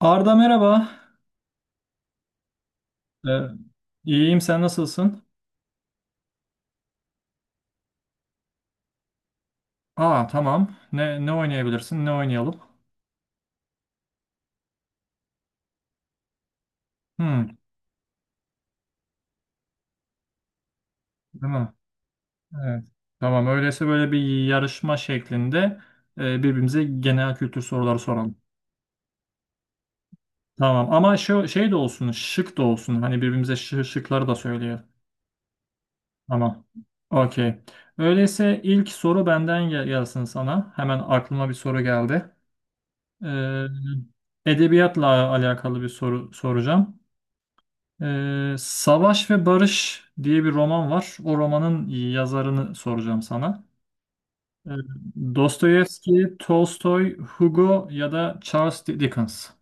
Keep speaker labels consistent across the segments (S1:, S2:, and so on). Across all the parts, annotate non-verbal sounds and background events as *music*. S1: Arda, merhaba. Ee, iyiyim sen nasılsın? Aa, tamam. Ne oynayabilirsin? Ne oynayalım? Hmm, tamam. Evet. Tamam, öyleyse böyle bir yarışma şeklinde birbirimize genel kültür soruları soralım. Tamam, ama şu şey de olsun, şık da olsun. Hani birbirimize şıkları da söyleyelim. Tamam. Okey. Öyleyse ilk soru benden gelsin sana. Hemen aklıma bir soru geldi. Ee, Edebiyatla alakalı bir soru soracağım. Savaş ve Barış diye bir roman var. O romanın yazarını soracağım sana. Ee, Dostoyevski, Tolstoy, Hugo ya da Charles Dickens.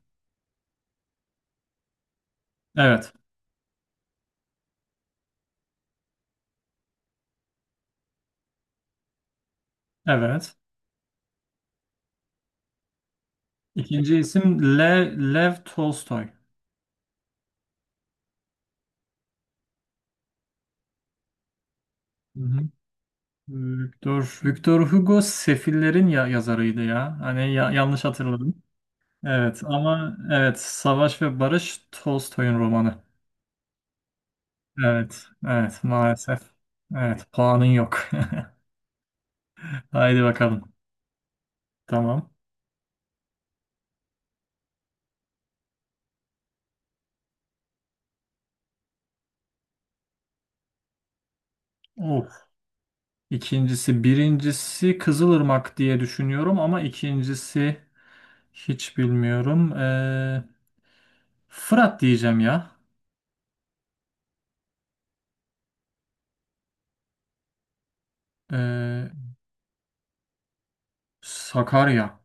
S1: Evet, evet. İkinci isim Lev Tolstoy. Hı hı. Victor Hugo Sefillerin ya yazarıydı ya. Hani yanlış hatırladım. Evet, ama evet, Savaş ve Barış Tolstoy'un romanı. Evet, evet, maalesef. Evet, puanın yok. *laughs* Haydi bakalım. Tamam. Of. İkincisi, birincisi Kızılırmak diye düşünüyorum ama ikincisi hiç bilmiyorum. Fırat diyeceğim ya. Ee, Sakarya.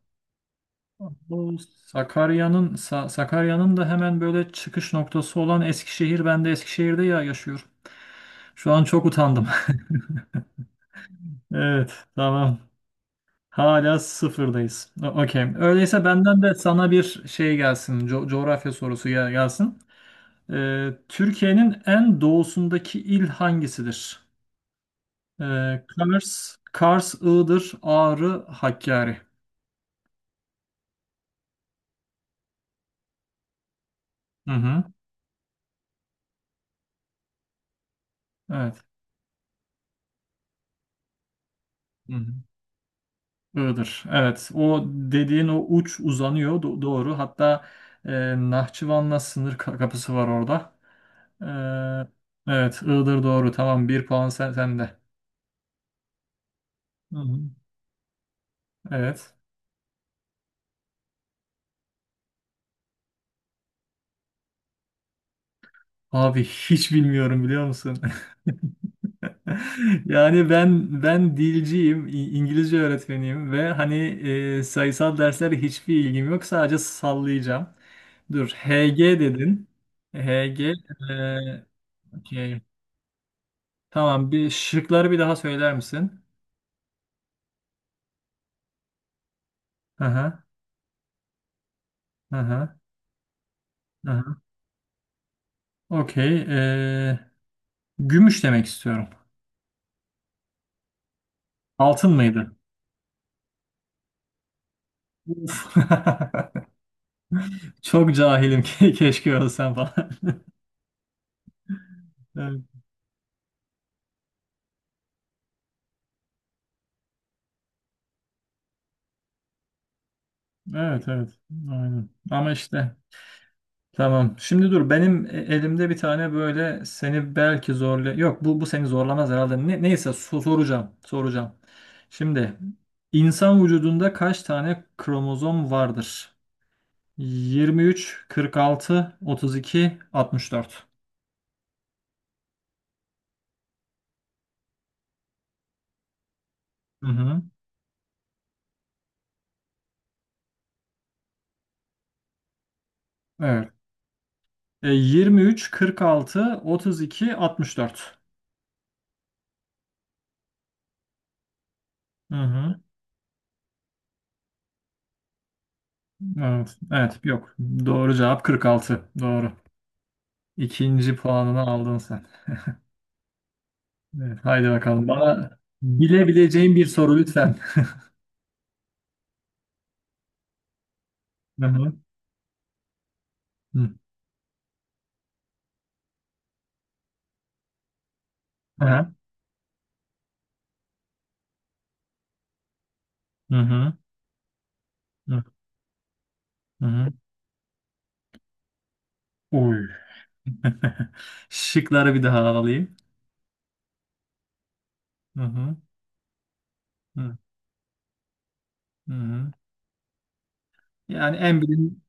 S1: Bu Sakarya'nın da hemen böyle çıkış noktası olan Eskişehir. Ben de Eskişehir'de ya yaşıyorum. Şu an çok utandım. *laughs* Evet, tamam. Hala sıfırdayız. Okey. Öyleyse benden de sana bir şey gelsin. Coğrafya sorusu gelsin. Türkiye'nin en doğusundaki il hangisidir? Kars, Iğdır, Ağrı, Hakkari. Hı hı. Evet. Hı hı. Iğdır. Evet. O dediğin o uç uzanıyor. Doğru. Hatta e, Nahçıvan'la sınır kapısı var orada. Ee, evet. Iğdır doğru. Tamam. Bir puan sen, sende. Hı hı. Evet. Abi hiç bilmiyorum, biliyor musun? *laughs* *laughs* Yani ben dilciyim, İngilizce öğretmeniyim ve hani sayısal derslere hiçbir ilgim yok. Sadece sallayacağım. Dur, HG dedin. HG, e, okey. Tamam, bir şıkları bir daha söyler misin? Aha, aha, aha. Okey. Gümüş demek istiyorum. Altın mıydı? Uf. *laughs* Çok cahilim. *laughs* Keşke ölsem falan. *laughs* Evet, evet, evet. Aynen. Ama işte. Tamam. Şimdi dur, benim elimde bir tane böyle seni belki zorla yok bu seni zorlamaz herhalde. Neyse, soracağım. Soracağım. Şimdi insan vücudunda kaç tane kromozom vardır? 23, 46, 32, 64. Hı hı. Evet. 23, 46, 32, 64. Hı hı. Evet. Evet, yok. Doğru cevap 46. Doğru. İkinci puanını aldın sen. Evet, haydi bakalım. Bana bilebileceğim bir soru lütfen. *laughs* Hı hı. Hı hı. Hı hı. Hı hı. Oy. *laughs* Şıkları bir daha alayım. Hı hı. Hı hı. Yani en bilin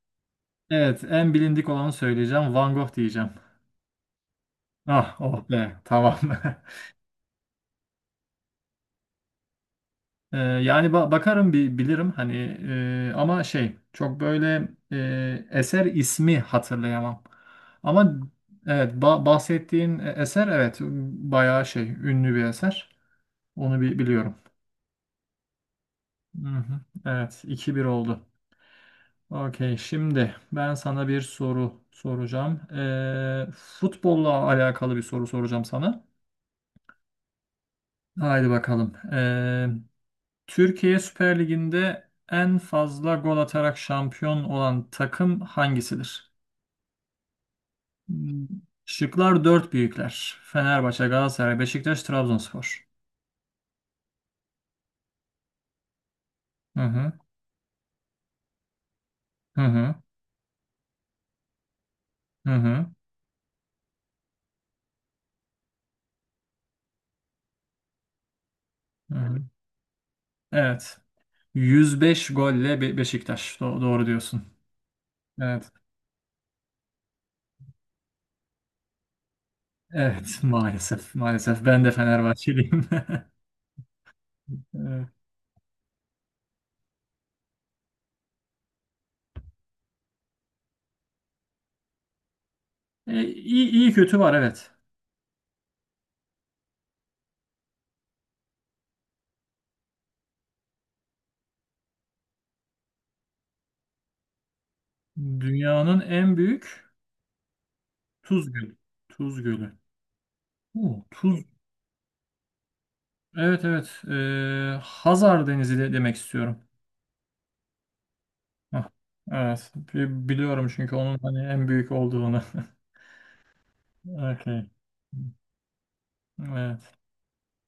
S1: evet, en bilindik olanı söyleyeceğim. Van Gogh diyeceğim. Ah, oh be, tamam. *laughs* Yani bakarım, bir bilirim hani, ama şey çok böyle eser ismi hatırlayamam. Ama evet, bahsettiğin eser, evet, bayağı şey ünlü bir eser. Onu bir biliyorum. Hı hı. Evet, 2-1 oldu. Okey, şimdi ben sana bir soru soracağım. Futbolla alakalı bir soru soracağım sana. Haydi bakalım. Türkiye Süper Ligi'nde en fazla gol atarak şampiyon olan takım hangisidir? Hmm. Şıklar dört büyükler. Fenerbahçe, Galatasaray, Beşiktaş, Trabzonspor. Hı hı. Hı hı. Hı hı. Hı hı. Evet. 105 golle Beşiktaş. Doğru diyorsun. Evet. Evet, *laughs* maalesef. Maalesef ben de Fenerbahçeliyim. *laughs* Evet. İyi kötü var, evet. Dünyanın en büyük Tuz Gölü. Tuz Gölü. Oo, evet, evet. Hazar Denizi de demek istiyorum. Hah, evet. Biliyorum, çünkü onun hani en büyük olduğunu. *laughs* Okay. Evet.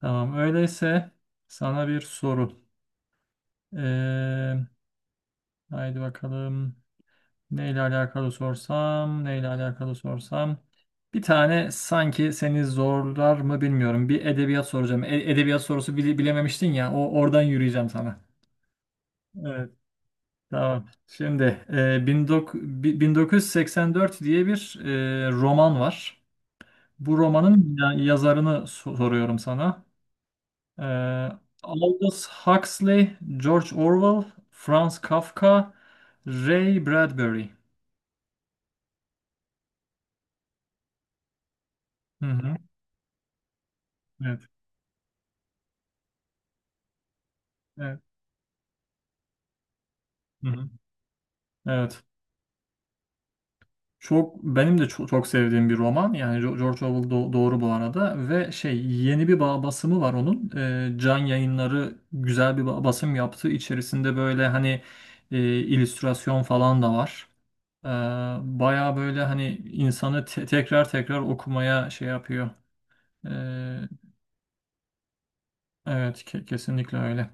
S1: Tamam. Öyleyse sana bir soru. Ee, haydi bakalım. Neyle alakalı sorsam, neyle alakalı sorsam. Bir tane sanki seni zorlar mı bilmiyorum. Bir edebiyat soracağım. Edebiyat sorusu bilememiştin ya. O oradan yürüyeceğim sana. Evet. Tamam. Şimdi 1984 diye bir roman var. Bu romanın yazarını soruyorum sana. E, Aldous Huxley, George Orwell, Franz Kafka, Ray Bradbury. Hı hı. Evet. Evet. Hı hı. Evet. Çok benim de çok, çok sevdiğim bir roman. Yani George Orwell doğru bu arada, ve şey yeni bir basımı var onun. Can Yayınları güzel bir basım yaptı. İçerisinde böyle hani illüstrasyon falan da var. Ee, baya böyle hani insanı tekrar tekrar okumaya şey yapıyor. Evet, kesinlikle öyle.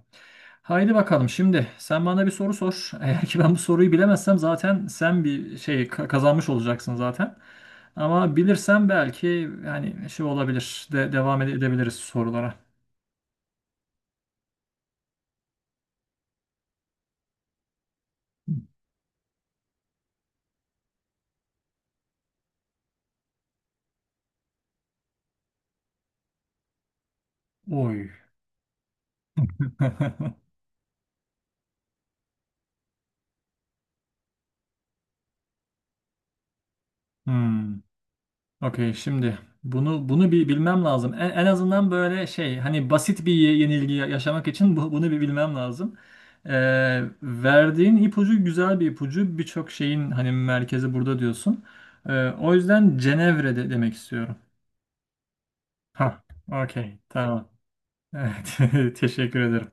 S1: Haydi bakalım, şimdi sen bana bir soru sor. *laughs* Eğer ki ben bu soruyu bilemezsem zaten sen bir şey kazanmış olacaksın zaten. Ama bilirsem belki yani şey olabilir de devam edebiliriz sorulara. Oy. *laughs* Hmm. Okey, şimdi bunu bir bilmem lazım. En azından böyle şey hani basit bir yenilgi yaşamak için bunu bir bilmem lazım. Verdiğin ipucu güzel bir ipucu. Birçok şeyin hani merkezi burada diyorsun. O yüzden Cenevre de demek istiyorum. Ha, okey, tamam. Evet, *laughs* teşekkür ederim.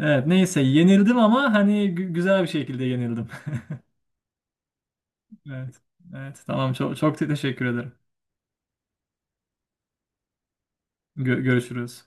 S1: Evet, neyse, yenildim, ama hani güzel bir şekilde yenildim. *laughs* Evet. Evet, tamam, çok çok teşekkür ederim. Görüşürüz.